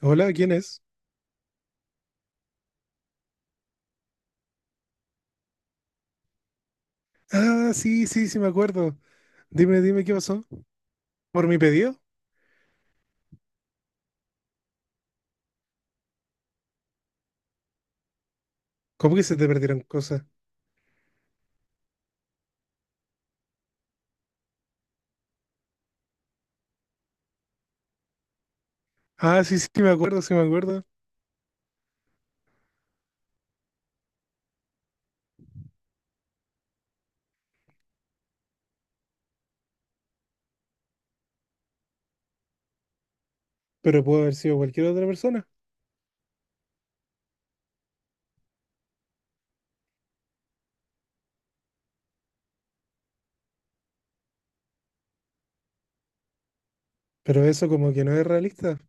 Hola, ¿quién es? Ah, sí, sí, sí, me acuerdo. Dime, dime, ¿qué pasó? ¿Por mi pedido? ¿Cómo que se te perdieron cosas? Ah, sí, sí, me acuerdo, sí, me acuerdo. Pero pudo haber sido cualquier otra persona. Pero eso como que no es realista.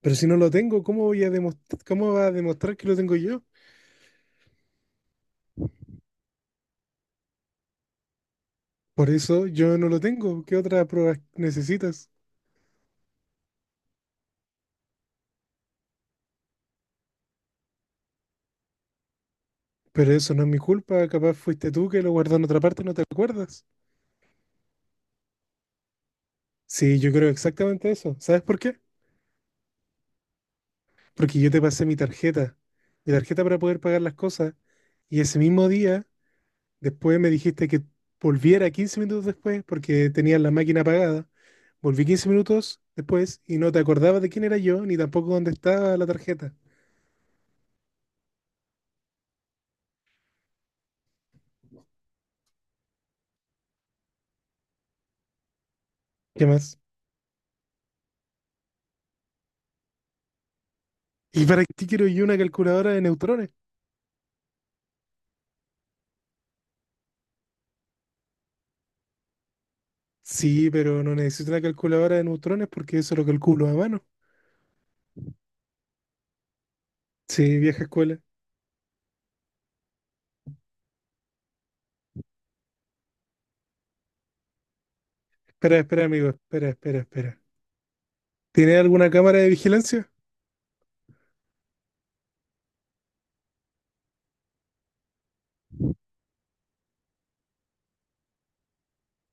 Pero si no lo tengo, ¿cómo voy a demostrar, cómo va a demostrar que lo tengo yo? Por eso yo no lo tengo. ¿Qué otras pruebas necesitas? Pero eso no es mi culpa. Capaz fuiste tú que lo guardó en otra parte y no te acuerdas. Sí, yo creo exactamente eso. ¿Sabes por qué? Porque yo te pasé mi tarjeta para poder pagar las cosas, y ese mismo día, después me dijiste que volviera 15 minutos después, porque tenías la máquina apagada, volví 15 minutos después y no te acordabas de quién era yo, ni tampoco dónde estaba la tarjeta. ¿Qué más? ¿Y para qué quiero yo una calculadora de neutrones? Sí, pero no necesito una calculadora de neutrones porque eso lo calculo a mano. Sí, vieja escuela. Espera, espera, amigo, espera, espera, espera. ¿Tiene alguna cámara de vigilancia?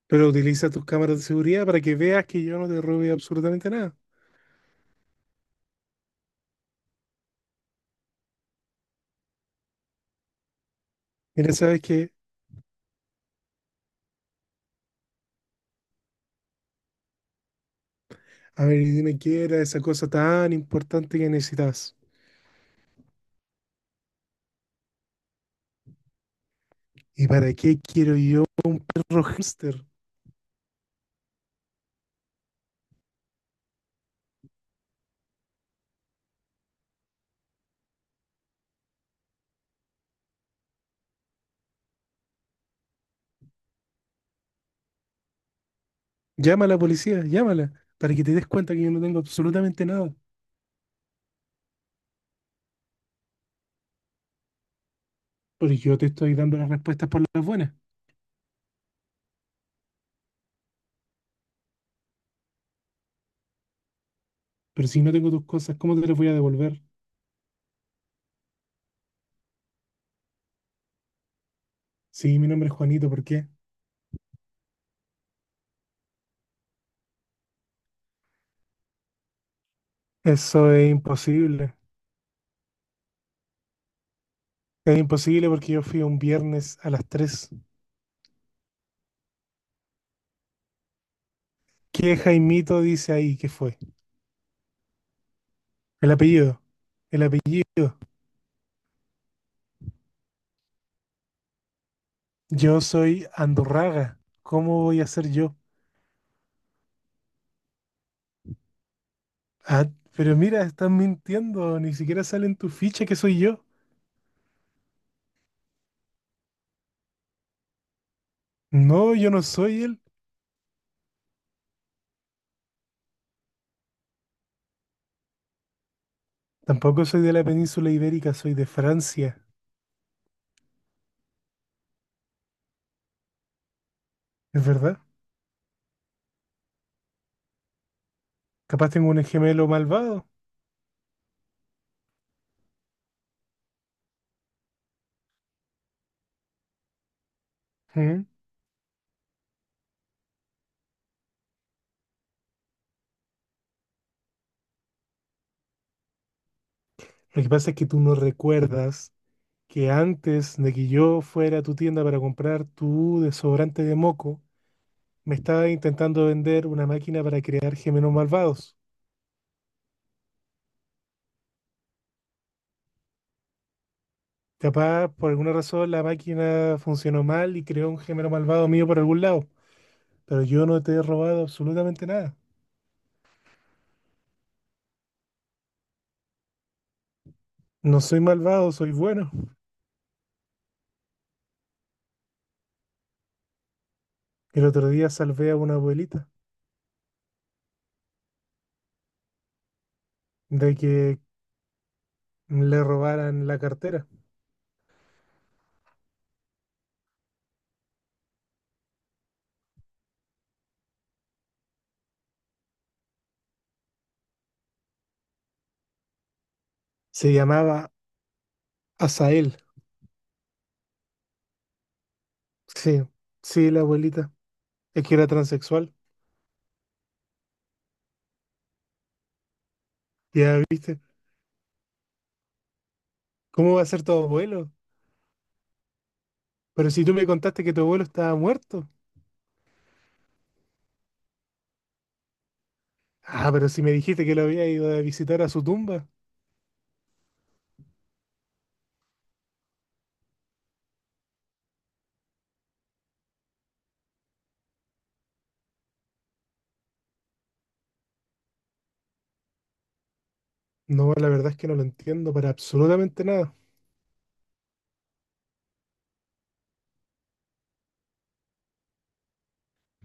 Pero utiliza tus cámaras de seguridad para que veas que yo no te robe absolutamente nada. Mira, sabes que, a ver, y dime qué era esa cosa tan importante que necesitas. ¿Y para qué quiero yo, un perro hámster? Llama a la policía, llámala, para que te des cuenta que yo no tengo absolutamente nada. Porque yo te estoy dando las respuestas por las buenas. Pero si no tengo tus cosas, ¿cómo te las voy a devolver? Sí, mi nombre es Juanito, ¿por qué? Eso es imposible. Es imposible porque yo fui un viernes a las 3. ¿Qué Jaimito dice ahí que fue? El apellido, el apellido. Yo soy Andorraga. ¿Cómo voy a ser yo? Ah, pero mira, estás mintiendo. Ni siquiera sale en tu ficha que soy yo. No, yo no soy él. Tampoco soy de la península ibérica, soy de Francia. ¿Es verdad? Capaz tengo un gemelo malvado. ¿Mm? Lo que pasa es que tú no recuerdas que antes de que yo fuera a tu tienda para comprar tu desodorante de moco, me estaba intentando vender una máquina para crear gemelos malvados. Capaz, por alguna razón, la máquina funcionó mal y creó un gemelo malvado mío por algún lado. Pero yo no te he robado absolutamente nada. No soy malvado, soy bueno. El otro día salvé a una abuelita de que le robaran la cartera. Se llamaba Asael. Sí, sí, la abuelita. Es que era transexual. Ya viste. ¿Cómo va a ser tu abuelo? Pero si tú me contaste que tu abuelo estaba muerto. Ah, pero si me dijiste que lo había ido a visitar a su tumba. No, la verdad es que no lo entiendo para absolutamente nada.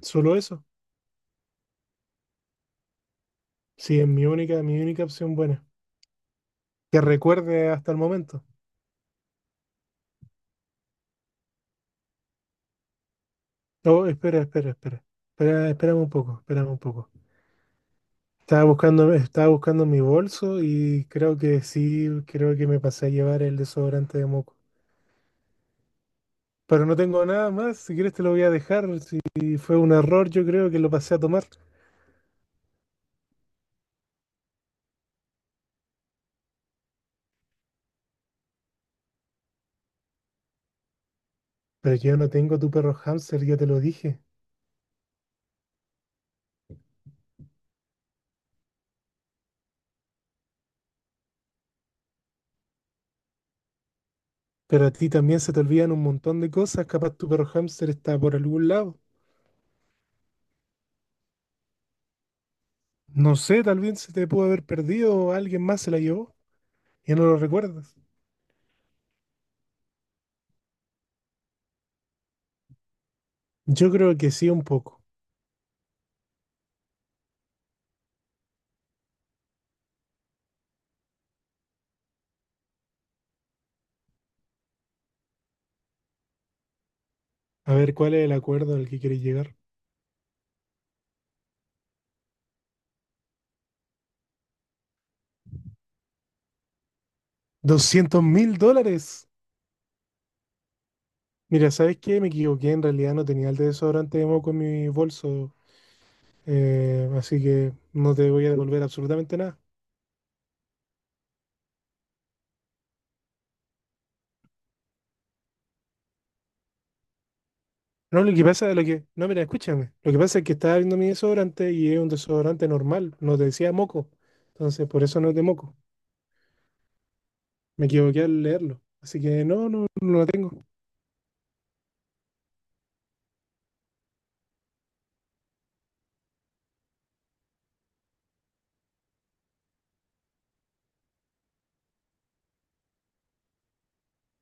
Solo eso. Sí, es mi única opción buena. Que recuerde hasta el momento. Oh, espera, espera, espera. Espera, espérame un poco, espérame un poco. Estaba buscando mi bolso y creo que sí, creo que me pasé a llevar el desodorante de moco. Pero no tengo nada más, si quieres te lo voy a dejar. Si fue un error, yo creo que lo pasé a tomar. Pero yo no tengo tu perro hámster, ya te lo dije. Pero a ti también se te olvidan un montón de cosas, capaz tu perro hámster está por algún lado. No sé, tal vez se te pudo haber perdido, alguien más se la llevó y no lo recuerdas. Yo creo que sí, un poco. A ver, ¿cuál es el acuerdo al que quieres llegar? ¡$200.000! Mira, ¿sabes qué? Me equivoqué, en realidad no tenía el desodorante de moco en mi bolso, así que no te voy a devolver absolutamente nada. No, lo que pasa es lo que... No, mira, escúchame. Lo que pasa es que estaba viendo mi desodorante y es un desodorante normal, no te decía moco. Entonces, por eso no es de moco. Me equivoqué al leerlo. Así que no, no, no lo tengo.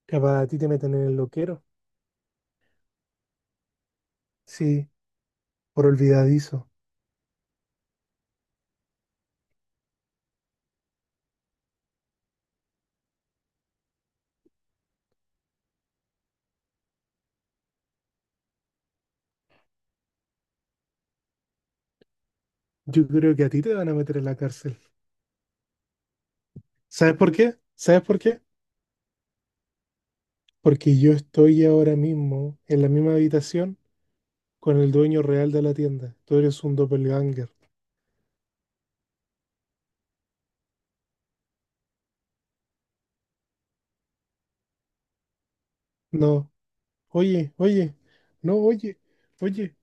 Capaz a ti te meten en el loquero. Sí, por olvidadizo. Yo creo que a ti te van a meter en la cárcel. ¿Sabes por qué? ¿Sabes por qué? Porque yo estoy ahora mismo en la misma habitación con el dueño real de la tienda. Tú eres un doppelganger. No. Oye, oye. No, oye. Oye.